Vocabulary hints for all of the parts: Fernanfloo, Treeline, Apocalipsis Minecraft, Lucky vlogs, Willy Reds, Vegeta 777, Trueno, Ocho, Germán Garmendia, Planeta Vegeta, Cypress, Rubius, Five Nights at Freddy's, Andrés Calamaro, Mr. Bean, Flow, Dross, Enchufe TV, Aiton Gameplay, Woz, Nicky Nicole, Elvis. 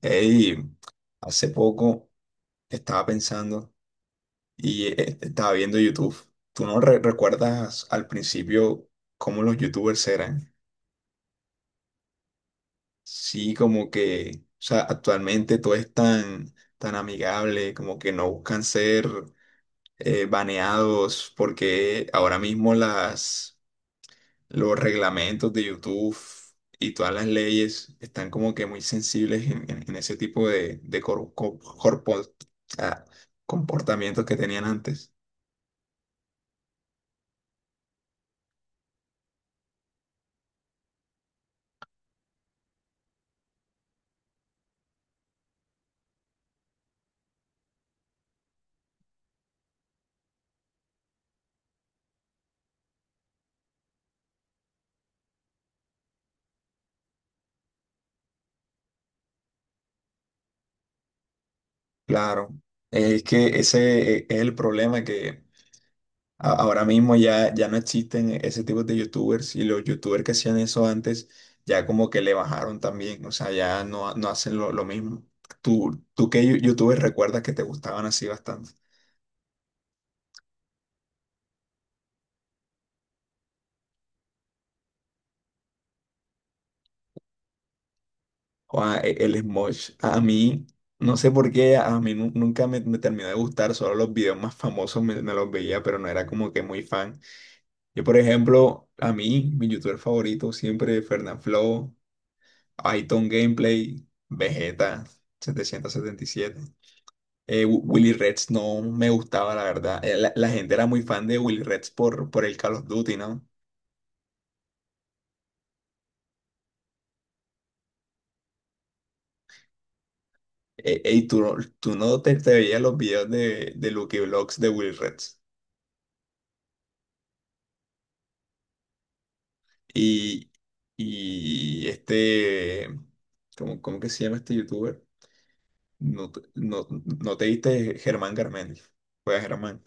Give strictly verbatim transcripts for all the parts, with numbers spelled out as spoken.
Ey, hace poco estaba pensando y eh, estaba viendo YouTube. ¿Tú no re- recuerdas al principio cómo los YouTubers eran? Sí, como que, o sea, actualmente todo es tan, tan amigable, como que no buscan ser eh, baneados, porque ahora mismo las los reglamentos de YouTube y todas las leyes están como que muy sensibles en, en- en ese tipo de, de cor- co- corpo- ah, comportamientos que tenían antes. Claro, es que ese e, es el problema que a- ahora mismo ya, ya no existen ese tipo de YouTubers, y los YouTubers que hacían eso antes ya como que le bajaron también. O sea, ya no, no hacen lo, lo mismo. ¿Tú, tú qué yo- YouTubers recuerdas que te gustaban así bastante? Guau, e- el Smosh, a mí, no sé por qué, a mí nu- nunca me, me terminó de gustar, solo los videos más famosos me, me los veía, pero no era como que muy fan. Yo, por ejemplo, a mí, mi youtuber favorito siempre Fernanfloo, Aiton Gameplay, Vegeta setecientos setenta y siete. Eh, Wi- Willy Reds no me gustaba, la verdad. Eh, La, la gente era muy fan de Willy Reds por, por el Call of Duty, ¿no? Eh, ey, tú, no- tú no te, te veías los videos de, de Lucky vlogs de Willy Reds. Y, y este, ¿cómo, cómo que se llama este youtuber? No, te- no, no te viste Germán Garmendia. Juega Germán.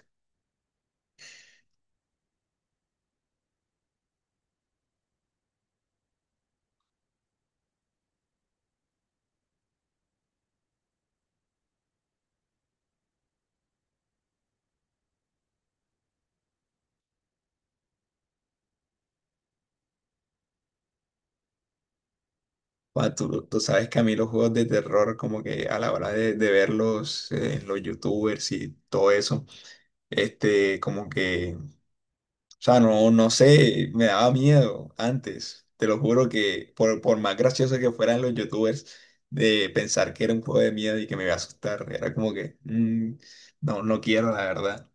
Ah, tú, tú sabes que a mí los juegos de terror, como que a la hora de, de verlos, eh, los youtubers y todo eso, este, como que. O sea, no, no sé, me daba miedo antes. Te lo juro que por, por más gracioso que fueran los youtubers, de pensar que era un juego de miedo y que me iba a asustar, era como que, mm, no, no quiero, la verdad.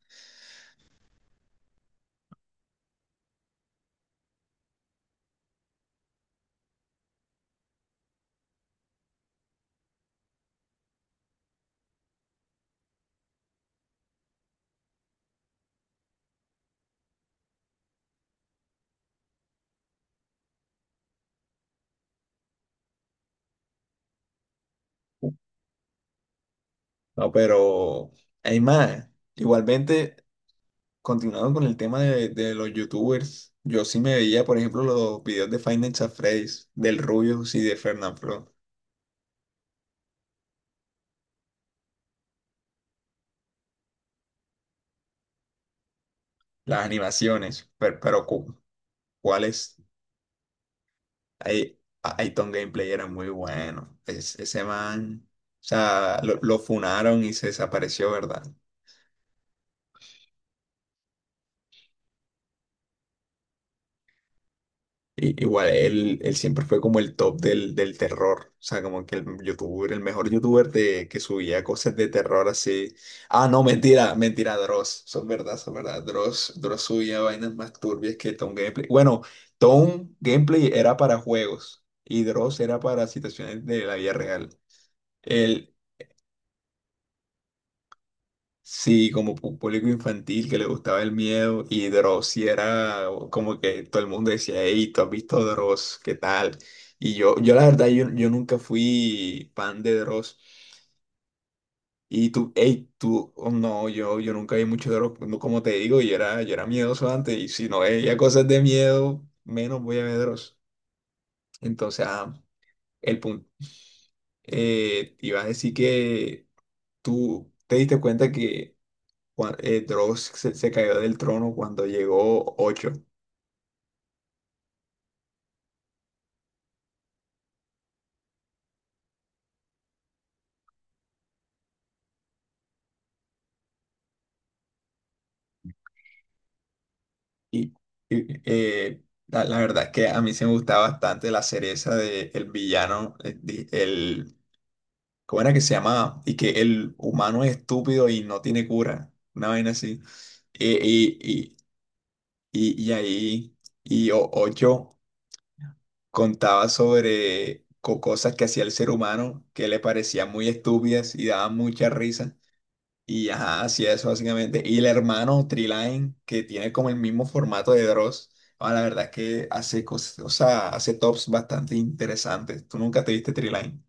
No, pero hay más. Igualmente, continuando con el tema de, de los youtubers, yo sí me veía, por ejemplo, los videos de Five Nights at Freddy's, del Rubius y de Fernanfloo, las animaciones, pero, pero cu- ¿cuáles? Ay- Aiton Gameplay era muy bueno. Es- ese man, o sea, lo, lo funaron y se desapareció, ¿verdad? Y- igual, él, él siempre fue como el top del, del terror. O sea, como que el youtuber, el mejor youtuber de, que subía cosas de terror así. Ah, no, mentira, mentira, Dross. Son verdad, son verdad. Dross, Dross subía vainas más turbias que Tom Gameplay. Bueno, Tom Gameplay era para juegos y Dross era para situaciones de la vida real. El Sí, como pu- público infantil que le gustaba el miedo, y Dross sí era como que todo el mundo decía, hey, ¿tú has visto Dross? ¿Qué tal? Y yo, yo la verdad, yo, yo nunca fui fan de Dross. Y tú, hey, tú, oh, no, yo, yo nunca vi mucho Dross. Pues, no, como te digo, yo era, yo era miedoso antes, y si no veía cosas de miedo, menos voy a ver Dross. Entonces, ah, el punto. Eh, te iba a decir que tú te diste cuenta que cua- eh, Dross se, se cayó del trono cuando llegó ocho. Y, y, eh, la, la verdad es que a mí se me gustaba bastante la cereza de el villano, eh, di- el, ¿cómo era que se llamaba? Y que el humano es estúpido y no tiene cura, una vaina así. Eh, Y, y, y, y ahí, y o- Ocho contaba sobre co- cosas que hacía el ser humano que le parecían muy estúpidas y daban mucha risa. Y ajá, así es básicamente. Y el hermano Treeline, que tiene como el mismo formato de Dross, ah, la verdad es que hace cosas, o sea, hace tops bastante interesantes. ¿Tú nunca te viste Treeline?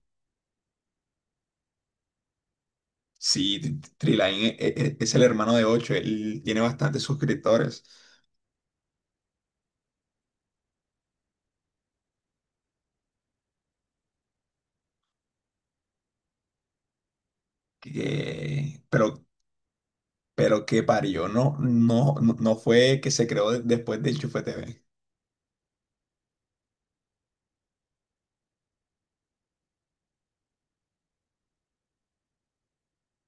Sí, T- T- Treeline e- e- e- es el hermano de Ocho. Él tiene bastantes suscriptores. Que- pero, pero que parió, no, no, no no fue que se creó de- después de Enchufe T V.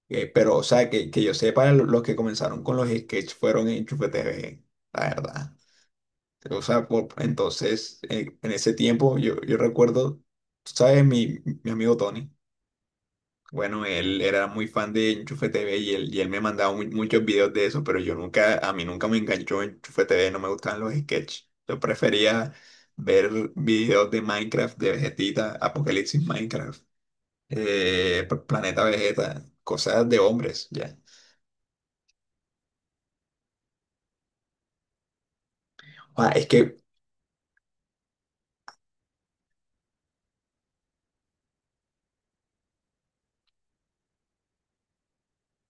Eh, pero, o sea, que, que yo sepa, lo- los que comenzaron con los sketches fueron en Enchufe T V, la verdad. O sea, por- entonces, en, en ese tiempo yo, yo recuerdo, tú sabes, mi, mi amigo Tony, bueno, él era muy fan de Enchufe T V, y él, y él me mandaba mu- muchos videos de eso, pero yo nunca, a mí nunca me enganchó Enchufe T V, no me gustaban los sketches. Yo prefería ver videos de Minecraft, de Vegetita, Apocalipsis Minecraft, eh, P- Planeta Vegeta, cosas de hombres, ya. Ah, es que,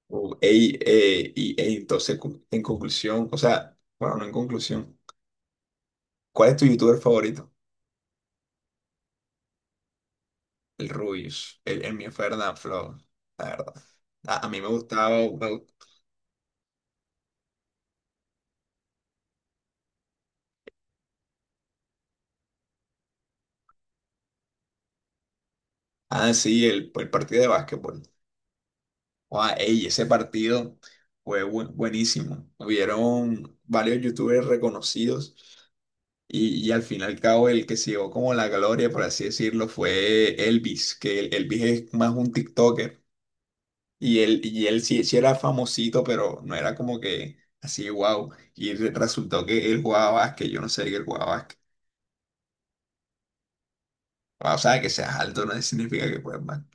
uh, ey, eh, y, ey, entonces, cu- en conclusión, o sea, bueno, no en conclusión. ¿Cuál es tu youtuber favorito? El Rubius, el, el mío fue Flow, la verdad. A, a mí me gustaba, me gust- ah, sí, el, el partido de básquetbol. Ah, ey, ese partido fue bu- buenísimo. Hubieron varios youtubers reconocidos, y, y al fin y al cabo el que se llevó como la gloria, por así decirlo, fue Elvis. que el- Elvis es más un TikToker y él, y él sí, sí era famosito, pero no era como que así, wow. Y re- resultó que él jugaba básquet, yo no sé que él jugaba básquet. Ah, o sea, que seas alto no significa que puedas mal.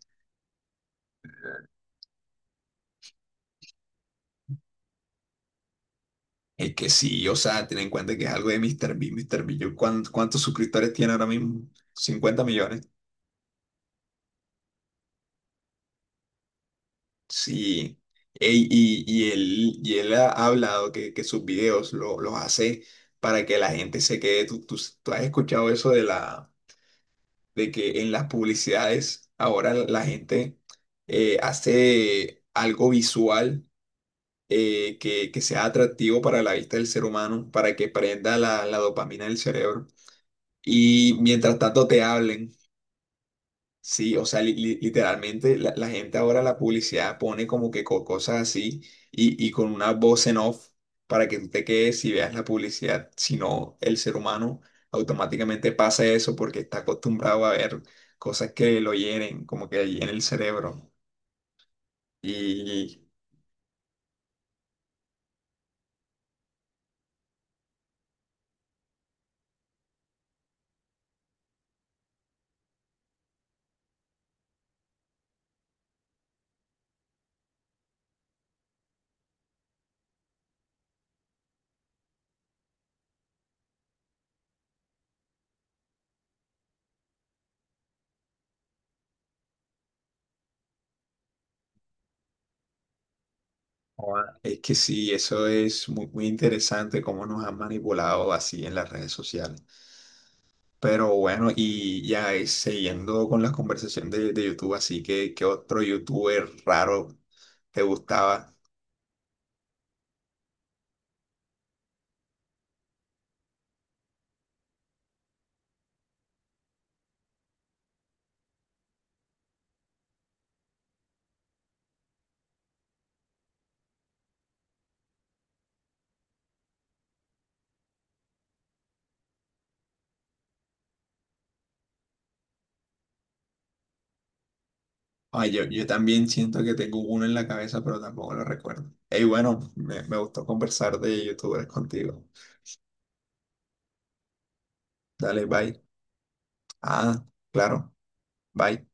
Es que sí, o sea, ten en cuenta que es algo de míster Bean. míster Bean, yo, ¿cuán- ¿cuántos suscriptores tiene ahora mismo? Cincuenta millones. Sí. Ey, y, y él, y él ha hablado que, que sus videos lo- los hace para que la gente se quede. Tú, tú- tú has escuchado eso de, la, de que en las publicidades ahora la la gente eh, hace algo visual, eh, que, que sea atractivo para la vista del ser humano, para que prenda la, la dopamina del cerebro. Y mientras tanto te hablen, sí, o sea, li- li- literalmente la, la gente ahora la publicidad pone como que co- cosas así, y, y con una voz en off para que tú te quedes y veas la publicidad, si no, el ser humano automáticamente pasa eso porque está acostumbrado a ver cosas que lo hieren, como que en el cerebro. Y joda, es que sí, eso es muy, muy interesante cómo nos han manipulado así en las redes sociales. Pero bueno, y ya eh, siguiendo con la conversación de, de YouTube, así que ¿qué otro youtuber raro te gustaba? Ay, yo, yo también siento que tengo uno en la cabeza, pero tampoco lo recuerdo. Y bueno, me, me gustó conversar de youtubers contigo. Dale, bye. Ah, claro, bye.